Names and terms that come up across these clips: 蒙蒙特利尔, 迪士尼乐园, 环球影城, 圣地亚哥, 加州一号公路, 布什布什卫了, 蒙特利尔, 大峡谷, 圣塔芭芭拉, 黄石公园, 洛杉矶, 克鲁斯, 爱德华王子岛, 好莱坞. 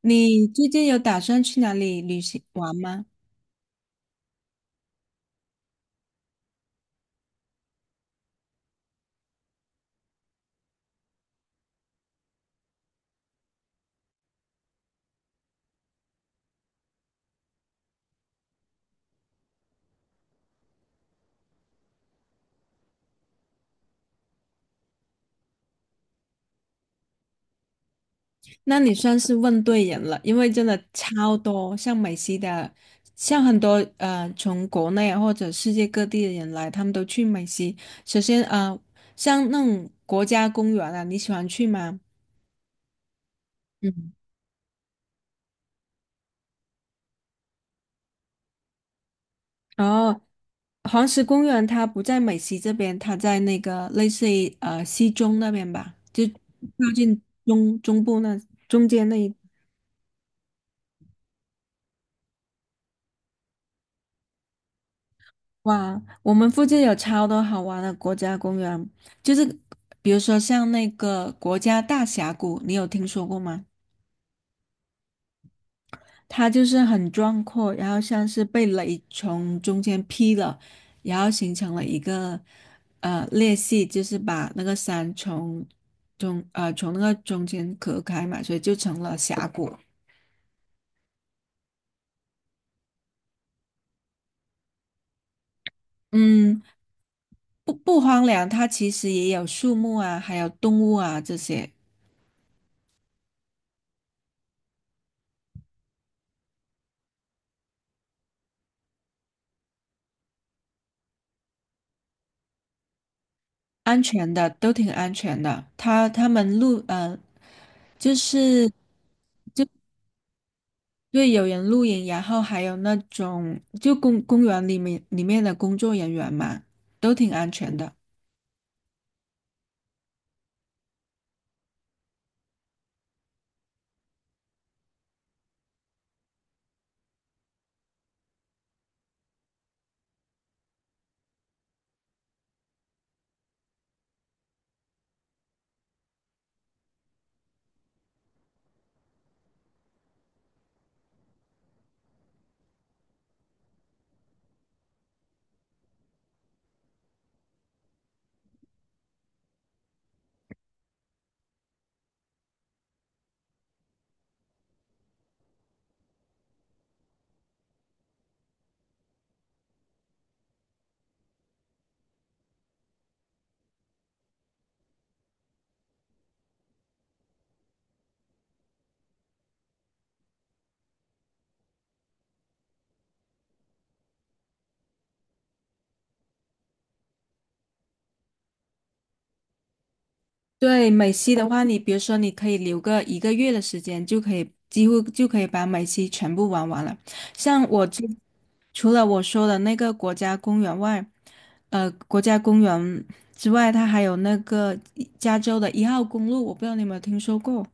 你最近有打算去哪里旅行玩吗？那你算是问对人了，因为真的超多，像美西的，像很多从国内啊或者世界各地的人来，他们都去美西。首先，像那种国家公园啊，你喜欢去吗？嗯。哦，黄石公园它不在美西这边，它在那个类似于西中那边吧，就靠近中部那中间那一。哇，我们附近有超多好玩的国家公园，就是比如说像那个国家大峡谷，你有听说过吗？它就是很壮阔，然后像是被雷从中间劈了，然后形成了一个裂隙，就是把那个山从那个中间隔开嘛，所以就成了峡谷。嗯，不荒凉，它其实也有树木啊，还有动物啊这些。安全的，都挺安全的。他他们录呃，就是对有人露营，然后还有那种就公园里面的工作人员嘛，都挺安全的。对美西的话，你比如说你可以留个一个月的时间，就可以几乎就可以把美西全部玩完了。像我这除了我说的那个国家公园外，国家公园之外，它还有那个加州的一号公路，我不知道你有没有听说过。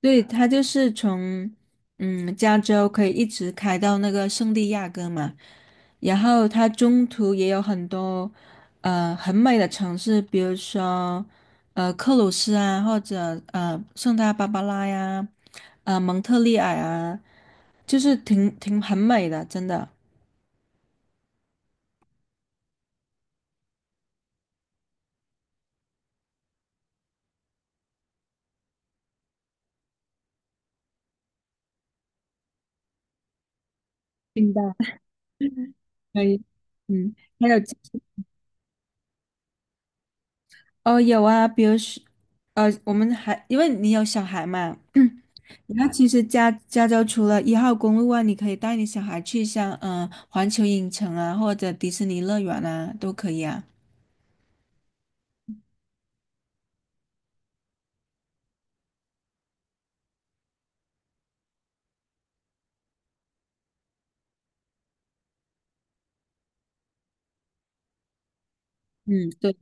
对，它就是从加州可以一直开到那个圣地亚哥嘛，然后它中途也有很多很美的城市，比如说克鲁斯啊，或者圣塔芭芭拉呀，蒙特利尔啊，就是挺很美的，真的。明白，可以。嗯，还有哦有啊，比如说我们还因为你有小孩嘛。那其实加州除了一号公路外，你可以带你小孩去像环球影城啊，或者迪士尼乐园啊，都可以啊。嗯，对，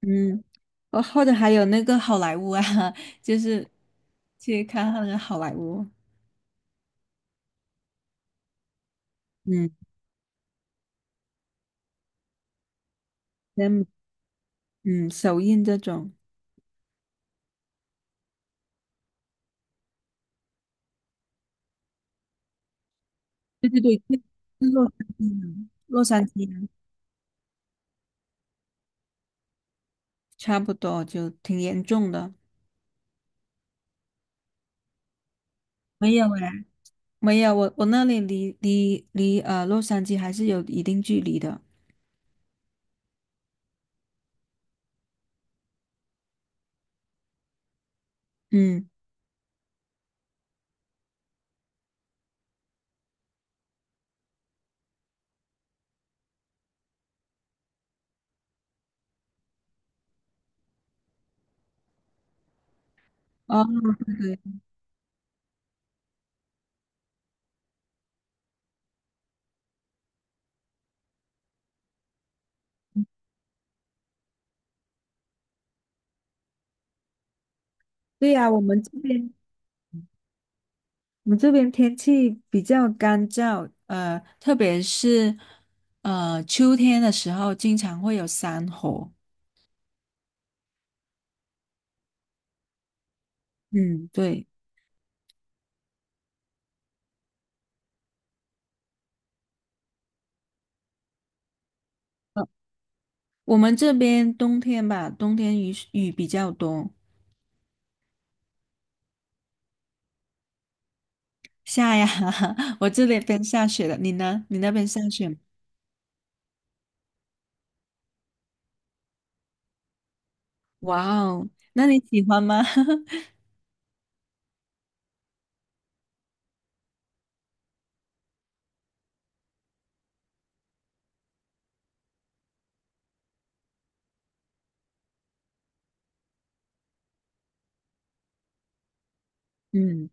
嗯，哦，或者还有那个好莱坞啊，就是去看那个好莱坞，嗯，嗯，嗯，首映这种，对对对，是是洛杉矶啊，洛杉矶啊差不多，就挺严重的。没有哎，没有，我那里离洛杉矶还是有一定距离的。嗯。哦，对对，对呀，我们这边我们这边天气比较干燥，呃，特别是秋天的时候，经常会有山火。嗯，对，呃，我们这边冬天吧，冬天雨比较多，下呀，我这里边下雪了，你呢？你那边下雪吗？哇哦，那你喜欢吗？嗯，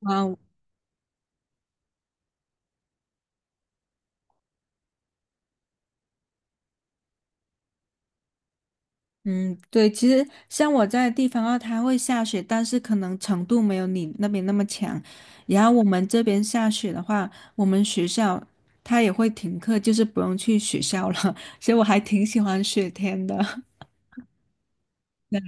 哇哦嗯，对，其实像我在的地方的话，它会下雪，但是可能程度没有你那边那么强。然后我们这边下雪的话，我们学校它也会停课，就是不用去学校了。所以我还挺喜欢雪天的。对，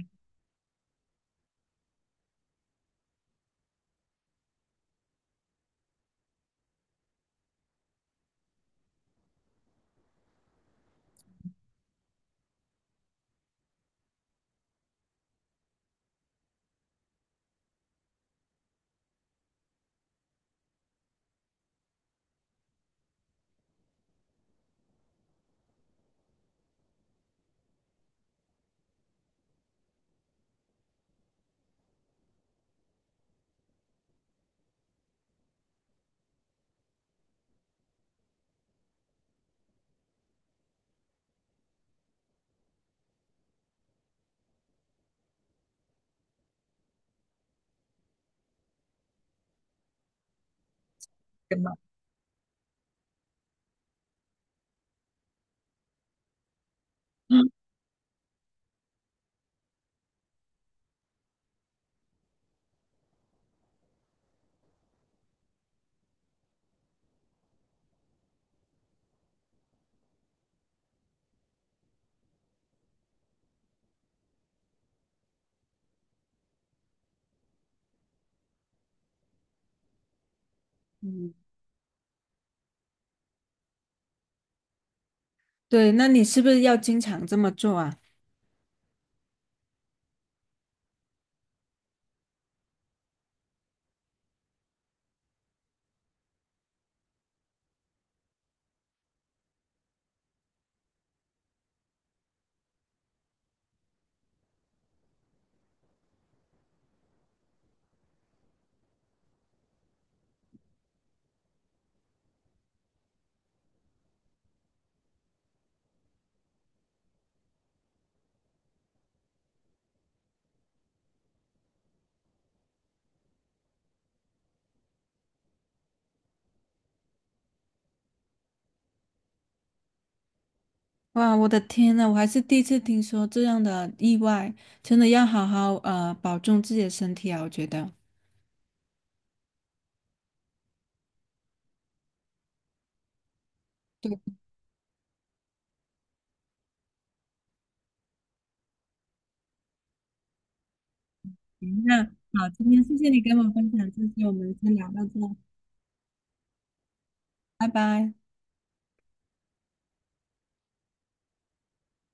对那你是不是要经常这么做啊？哇，我的天呐，我还是第一次听说这样的意外，真的要好好保重自己的身体啊，我觉得。行那好，今天谢谢你跟我分享这些，我们先聊到这，拜拜。